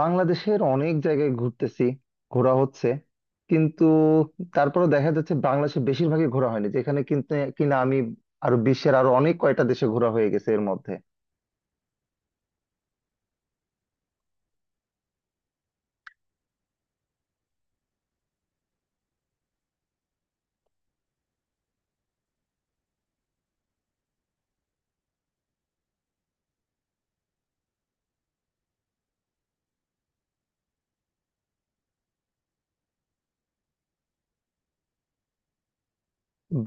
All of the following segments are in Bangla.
বাংলাদেশের অনেক জায়গায় ঘুরতেছি, ঘোরা হচ্ছে কিন্তু তারপরে দেখা যাচ্ছে বাংলাদেশে বেশিরভাগই ঘোরা হয়নি যেখানে, কিন্তু কিনা আমি আরো বিশ্বের আরো অনেক কয়টা দেশে ঘোরা হয়ে গেছে এর মধ্যে।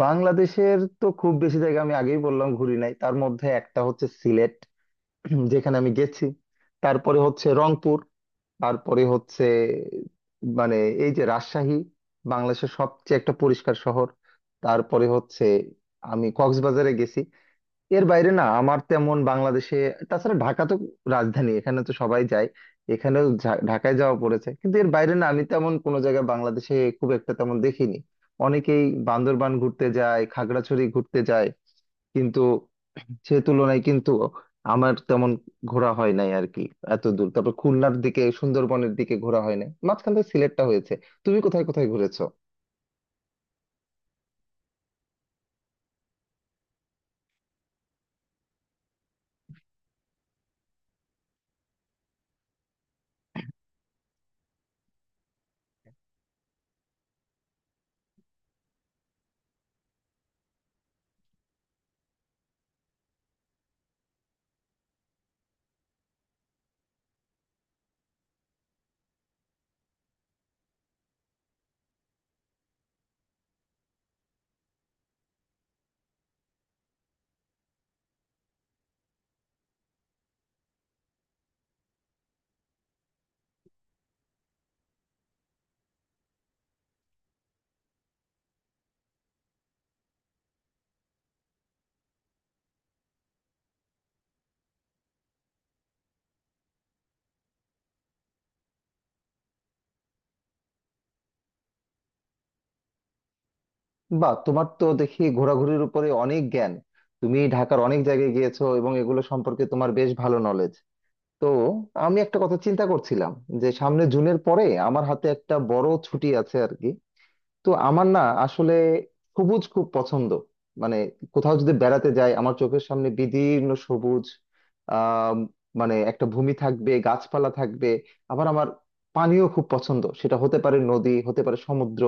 বাংলাদেশের তো খুব বেশি জায়গা আমি আগেই বললাম ঘুরি নাই, তার মধ্যে একটা হচ্ছে সিলেট যেখানে আমি গেছি। তারপরে হচ্ছে রংপুর, তারপরে হচ্ছে, মানে এই যে রাজশাহী, বাংলাদেশের সবচেয়ে একটা পরিষ্কার শহর। তারপরে হচ্ছে, আমি কক্সবাজারে গেছি। এর বাইরে না আমার তেমন বাংলাদেশে। তাছাড়া ঢাকা তো রাজধানী, এখানে তো সবাই যায়, এখানেও ঢাকায় যাওয়া পড়েছে। কিন্তু এর বাইরে না আমি তেমন কোনো জায়গায় বাংলাদেশে খুব একটা তেমন দেখিনি। অনেকেই বান্দরবান ঘুরতে যায়, খাগড়াছড়ি ঘুরতে যায়, কিন্তু সে তুলনায় কিন্তু আমার তেমন ঘোরা হয় নাই আর কি। এত দূর, তারপর খুলনার দিকে, সুন্দরবনের দিকে ঘোরা হয় নাই, মাঝখান থেকে সিলেটটা হয়েছে। তুমি কোথায় কোথায় ঘুরেছো? বা তোমার তো দেখি ঘোরাঘুরির উপরে অনেক জ্ঞান, তুমি ঢাকার অনেক জায়গায় গিয়েছো এবং এগুলো সম্পর্কে তোমার বেশ ভালো নলেজ। তো আমি একটা কথা চিন্তা করছিলাম, যে সামনে জুনের পরে আমার হাতে একটা বড় ছুটি আছে আর কি। তো আমার না আসলে সবুজ খুব পছন্দ। মানে কোথাও যদি বেড়াতে যাই আমার চোখের সামনে বিদীর্ণ সবুজ, আহ মানে একটা ভূমি থাকবে, গাছপালা থাকবে। আবার আমার পানিও খুব পছন্দ, সেটা হতে পারে নদী, হতে পারে সমুদ্র।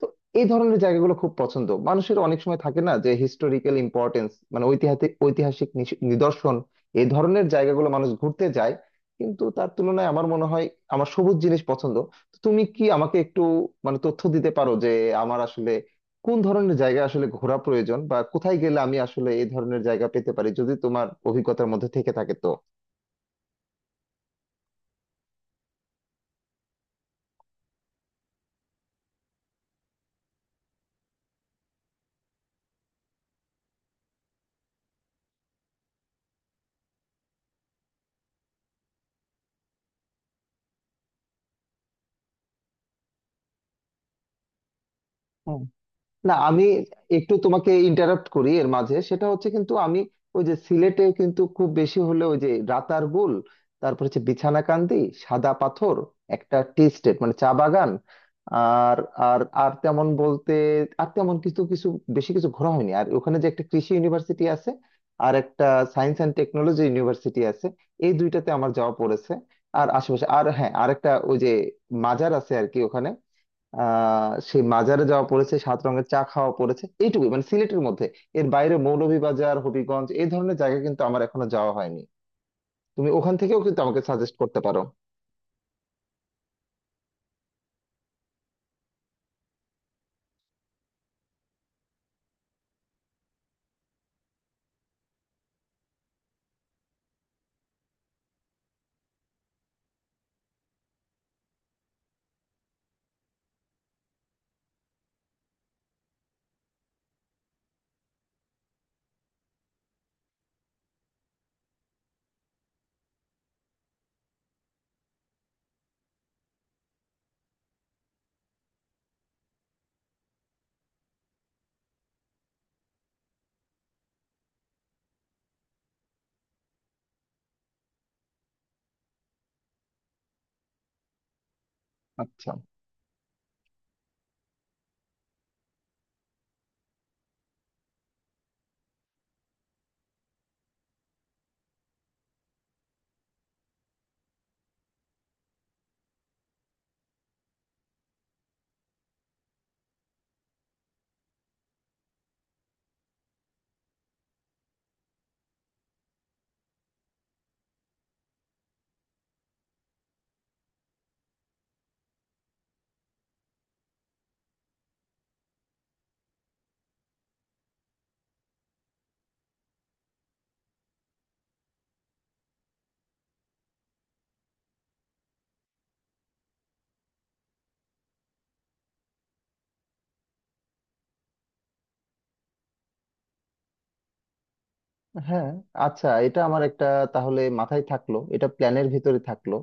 তো এই ধরনের জায়গাগুলো খুব পছন্দ। মানুষের অনেক সময় থাকে না যে হিস্টোরিক্যাল ইম্পর্টেন্স, মানে ঐতিহাসিক ঐতিহাসিক নিশ- নিদর্শন, এই ধরনের জায়গাগুলো মানুষ ঘুরতে যায়। কিন্তু তার তুলনায় আমার মনে হয় আমার সবুজ জিনিস পছন্দ। তুমি কি আমাকে একটু, মানে তথ্য দিতে পারো যে আমার আসলে কোন ধরনের জায়গা আসলে ঘোরা প্রয়োজন, বা কোথায় গেলে আমি আসলে এই ধরনের জায়গা পেতে পারি, যদি তোমার অভিজ্ঞতার মধ্যে থেকে থাকে তো? না আমি একটু তোমাকে ইন্টারাপ্ট করি এর মাঝে, সেটা হচ্ছে কিন্তু আমি ওই যে সিলেটে কিন্তু খুব বেশি হলে ওই যে রাতারগুল, তারপর হচ্ছে বিছানাকান্দি, সাদা পাথর, একটা টি স্টেট মানে চা বাগান, আর আর আর তেমন বলতে, আর তেমন কিছু কিছু বেশি কিছু ঘোরা হয়নি। আর ওখানে যে একটা কৃষি ইউনিভার্সিটি আছে আর একটা সায়েন্স অ্যান্ড টেকনোলজি ইউনিভার্সিটি আছে, এই দুইটাতে আমার যাওয়া পড়েছে। আর আশেপাশে আর হ্যাঁ আরেকটা ওই যে মাজার আছে আর কি ওখানে, সেই মাজারে যাওয়া পড়েছে, সাত রঙের চা খাওয়া পড়েছে, এইটুকুই মানে সিলেটের মধ্যে। এর বাইরে মৌলভীবাজার, হবিগঞ্জ এই ধরনের জায়গা কিন্তু আমার এখনো যাওয়া হয়নি। তুমি ওখান থেকেও কিন্তু আমাকে সাজেস্ট করতে পারো। আচ্ছা। হ্যাঁ, আচ্ছা, এটা আমার একটা, তাহলে মাথায় থাকলো, এটা প্ল্যানের ভিতরে থাকলো।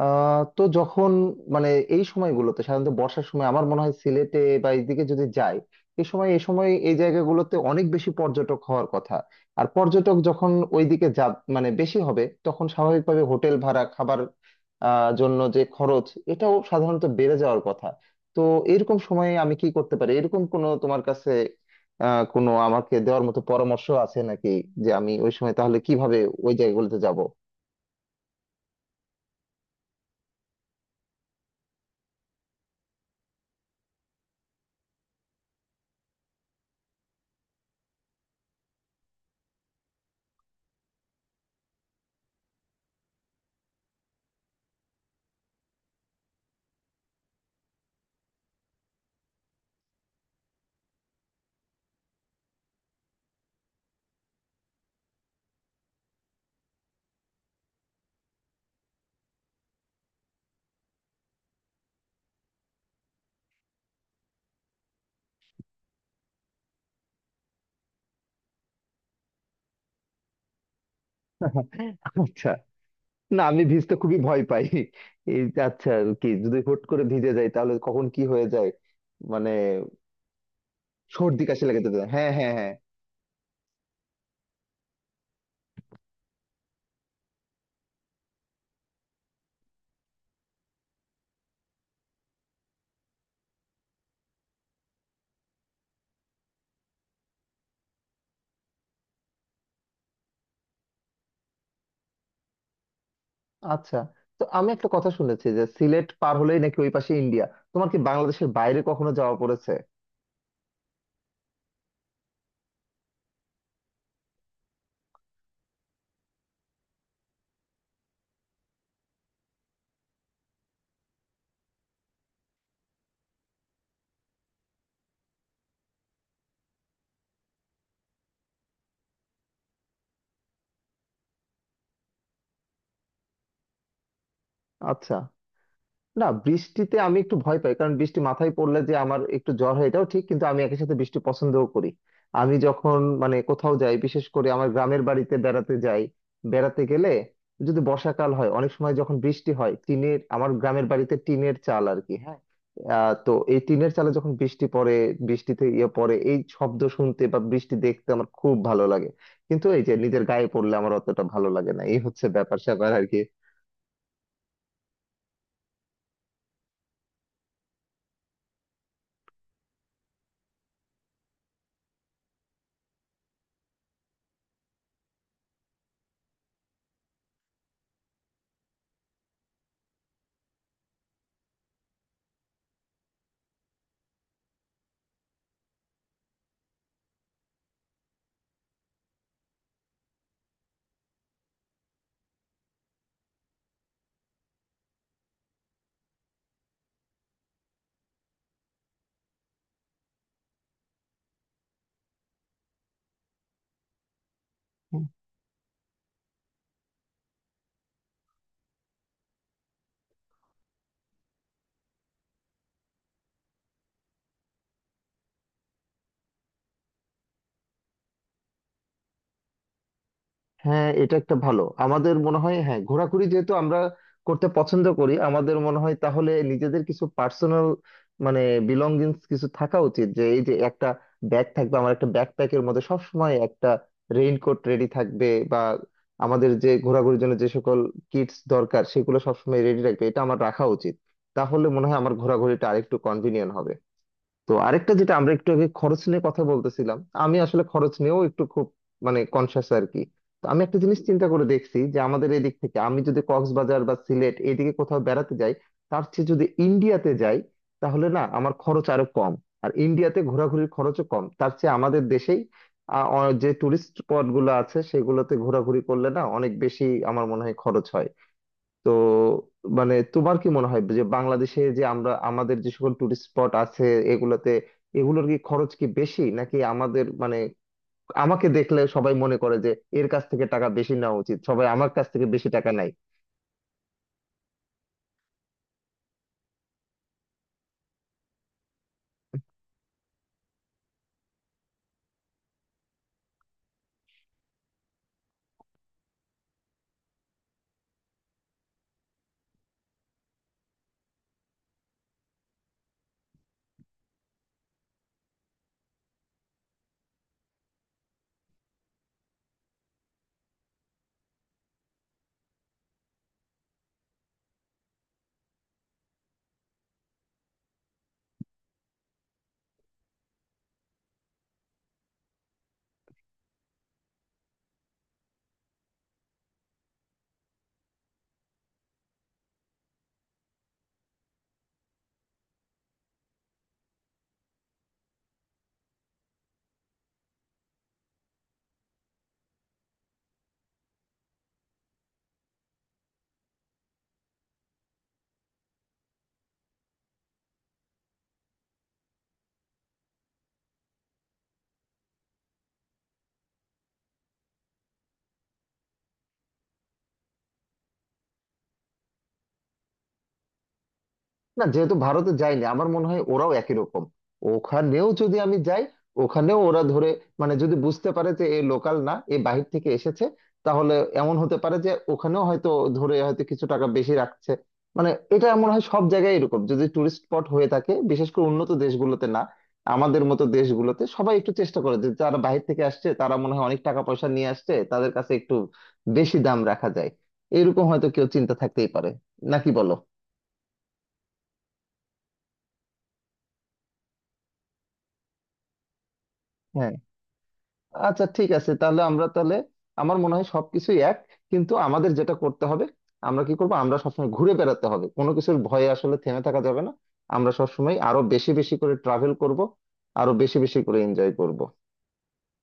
তো যখন, মানে এই সময়গুলোতে, সাধারণত বর্ষার সময় আমার মনে হয় সিলেটে বা এইদিকে যদি যাই, এই সময় এই জায়গাগুলোতে অনেক বেশি পর্যটক হওয়ার কথা। আর পর্যটক যখন ওইদিকে যা, মানে বেশি হবে, তখন স্বাভাবিকভাবে হোটেল ভাড়া, খাবার জন্য যে খরচ, এটাও সাধারণত বেড়ে যাওয়ার কথা। তো এরকম সময়ে আমি কি করতে পারি, এরকম কোনো তোমার কাছে কোনো আমাকে দেওয়ার মতো পরামর্শ আছে নাকি, যে আমি ওই সময় তাহলে কিভাবে ওই জায়গাগুলোতে যাব? আচ্ছা। না আমি ভিজতে খুবই ভয় পাই। এই যে আচ্ছা, কি যদি হুট করে ভিজে যাই তাহলে কখন কি হয়ে যায়, মানে সর্দি কাশি লেগে যেতে পারে। হ্যাঁ, হ্যাঁ, হ্যাঁ। আচ্ছা, তো আমি একটা কথা শুনেছি যে সিলেট পার হলেই নাকি ওই পাশে ইন্ডিয়া, তোমার কি বাংলাদেশের বাইরে কখনো যাওয়া পড়েছে? আচ্ছা। না বৃষ্টিতে আমি একটু ভয় পাই, কারণ বৃষ্টি মাথায় পড়লে যে আমার একটু জ্বর হয় এটাও ঠিক, কিন্তু আমি একই সাথে বৃষ্টি পছন্দও করি। আমি যখন, মানে কোথাও যাই বিশেষ করে আমার গ্রামের বাড়িতে বেড়াতে যাই, বেড়াতে গেলে যদি বর্ষাকাল হয়, অনেক সময় যখন বৃষ্টি হয়, টিনের, আমার গ্রামের বাড়িতে টিনের চাল আর কি, হ্যাঁ। তো এই টিনের চালে যখন বৃষ্টি পড়ে, বৃষ্টিতে ইয়ে পড়ে, এই শব্দ শুনতে বা বৃষ্টি দেখতে আমার খুব ভালো লাগে। কিন্তু এই যে নিজের গায়ে পড়লে আমার অতটা ভালো লাগে না, এই হচ্ছে ব্যাপার স্যাপার আর কি। হ্যাঁ, এটা একটা ভালো আমাদের মনে হয়। হ্যাঁ, ঘোরাঘুরি যেহেতু আমরা করতে পছন্দ করি, আমাদের মনে হয় তাহলে নিজেদের কিছু পার্সোনাল, মানে বিলঙ্গিংস কিছু থাকা উচিত। যে এই যে একটা ব্যাগ থাকবে, আমার একটা ব্যাকপ্যাকের মধ্যে সবসময় একটা রেইনকোট রেডি থাকবে, বা আমাদের যে ঘোরাঘুরির জন্য যে সকল কিটস দরকার সেগুলো সবসময় রেডি রাখবে, এটা আমার রাখা উচিত। তাহলে মনে হয় আমার ঘোরাঘুরিটা আরেকটু কনভিনিয়েন্ট হবে। তো আরেকটা যেটা আমরা একটু আগে খরচ নিয়ে কথা বলতেছিলাম, আমি আসলে খরচ নিয়েও একটু খুব, মানে কনসাস আর কি। তো আমি একটা জিনিস চিন্তা করে দেখছি, যে আমাদের এদিক থেকে আমি যদি কক্সবাজার বা সিলেট এদিকে কোথাও বেড়াতে যাই, তার চেয়ে যদি ইন্ডিয়াতে যাই, তাহলে না আমার খরচ আরো কম, আর ইন্ডিয়াতে ঘোরাঘুরির খরচও কম। তার চেয়ে আমাদের দেশেই যে টুরিস্ট স্পট গুলো আছে সেগুলোতে ঘোরাঘুরি করলে না অনেক বেশি আমার মনে হয় খরচ হয়। তো মানে তোমার কি মনে হয় যে বাংলাদেশে যে আমরা, আমাদের যে সকল টুরিস্ট স্পট আছে এগুলোতে, এগুলোর কি খরচ কি বেশি, নাকি আমাদের মানে আমাকে দেখলে সবাই মনে করে যে এর কাছ থেকে টাকা বেশি নেওয়া উচিত, সবাই আমার কাছ থেকে বেশি টাকা নেয়? না যেহেতু ভারতে যাইনি আমার মনে হয় ওরাও একই রকম। ওখানেও যদি আমি যাই, ওখানেও ওরা ধরে, মানে যদি বুঝতে পারে যে এ লোকাল না, এ বাহির থেকে এসেছে, তাহলে এমন হতে পারে যে ওখানেও হয়তো ধরে হয়তো কিছু টাকা বেশি রাখছে। মানে এটা মনে হয় সব জায়গায় এরকম, যদি টুরিস্ট স্পট হয়ে থাকে, বিশেষ করে উন্নত দেশগুলোতে না, আমাদের মতো দেশগুলোতে সবাই একটু চেষ্টা করে যে যারা বাহির থেকে আসছে তারা মনে হয় অনেক টাকা পয়সা নিয়ে আসছে, তাদের কাছে একটু বেশি দাম রাখা যায়, এরকম হয়তো কেউ চিন্তা থাকতেই পারে, নাকি বলো? হ্যাঁ, আচ্ছা ঠিক আছে, তাহলে আমরা তাহলে আমার মনে হয় সবকিছু এক। কিন্তু আমাদের যেটা করতে হবে, আমরা কি করবো, আমরা সবসময় ঘুরে বেড়াতে হবে, কোনো কিছুর ভয়ে আসলে থেমে থাকা যাবে না। আমরা সবসময় আরো বেশি বেশি করে ট্রাভেল করব, আরো বেশি বেশি করে এনজয় করব।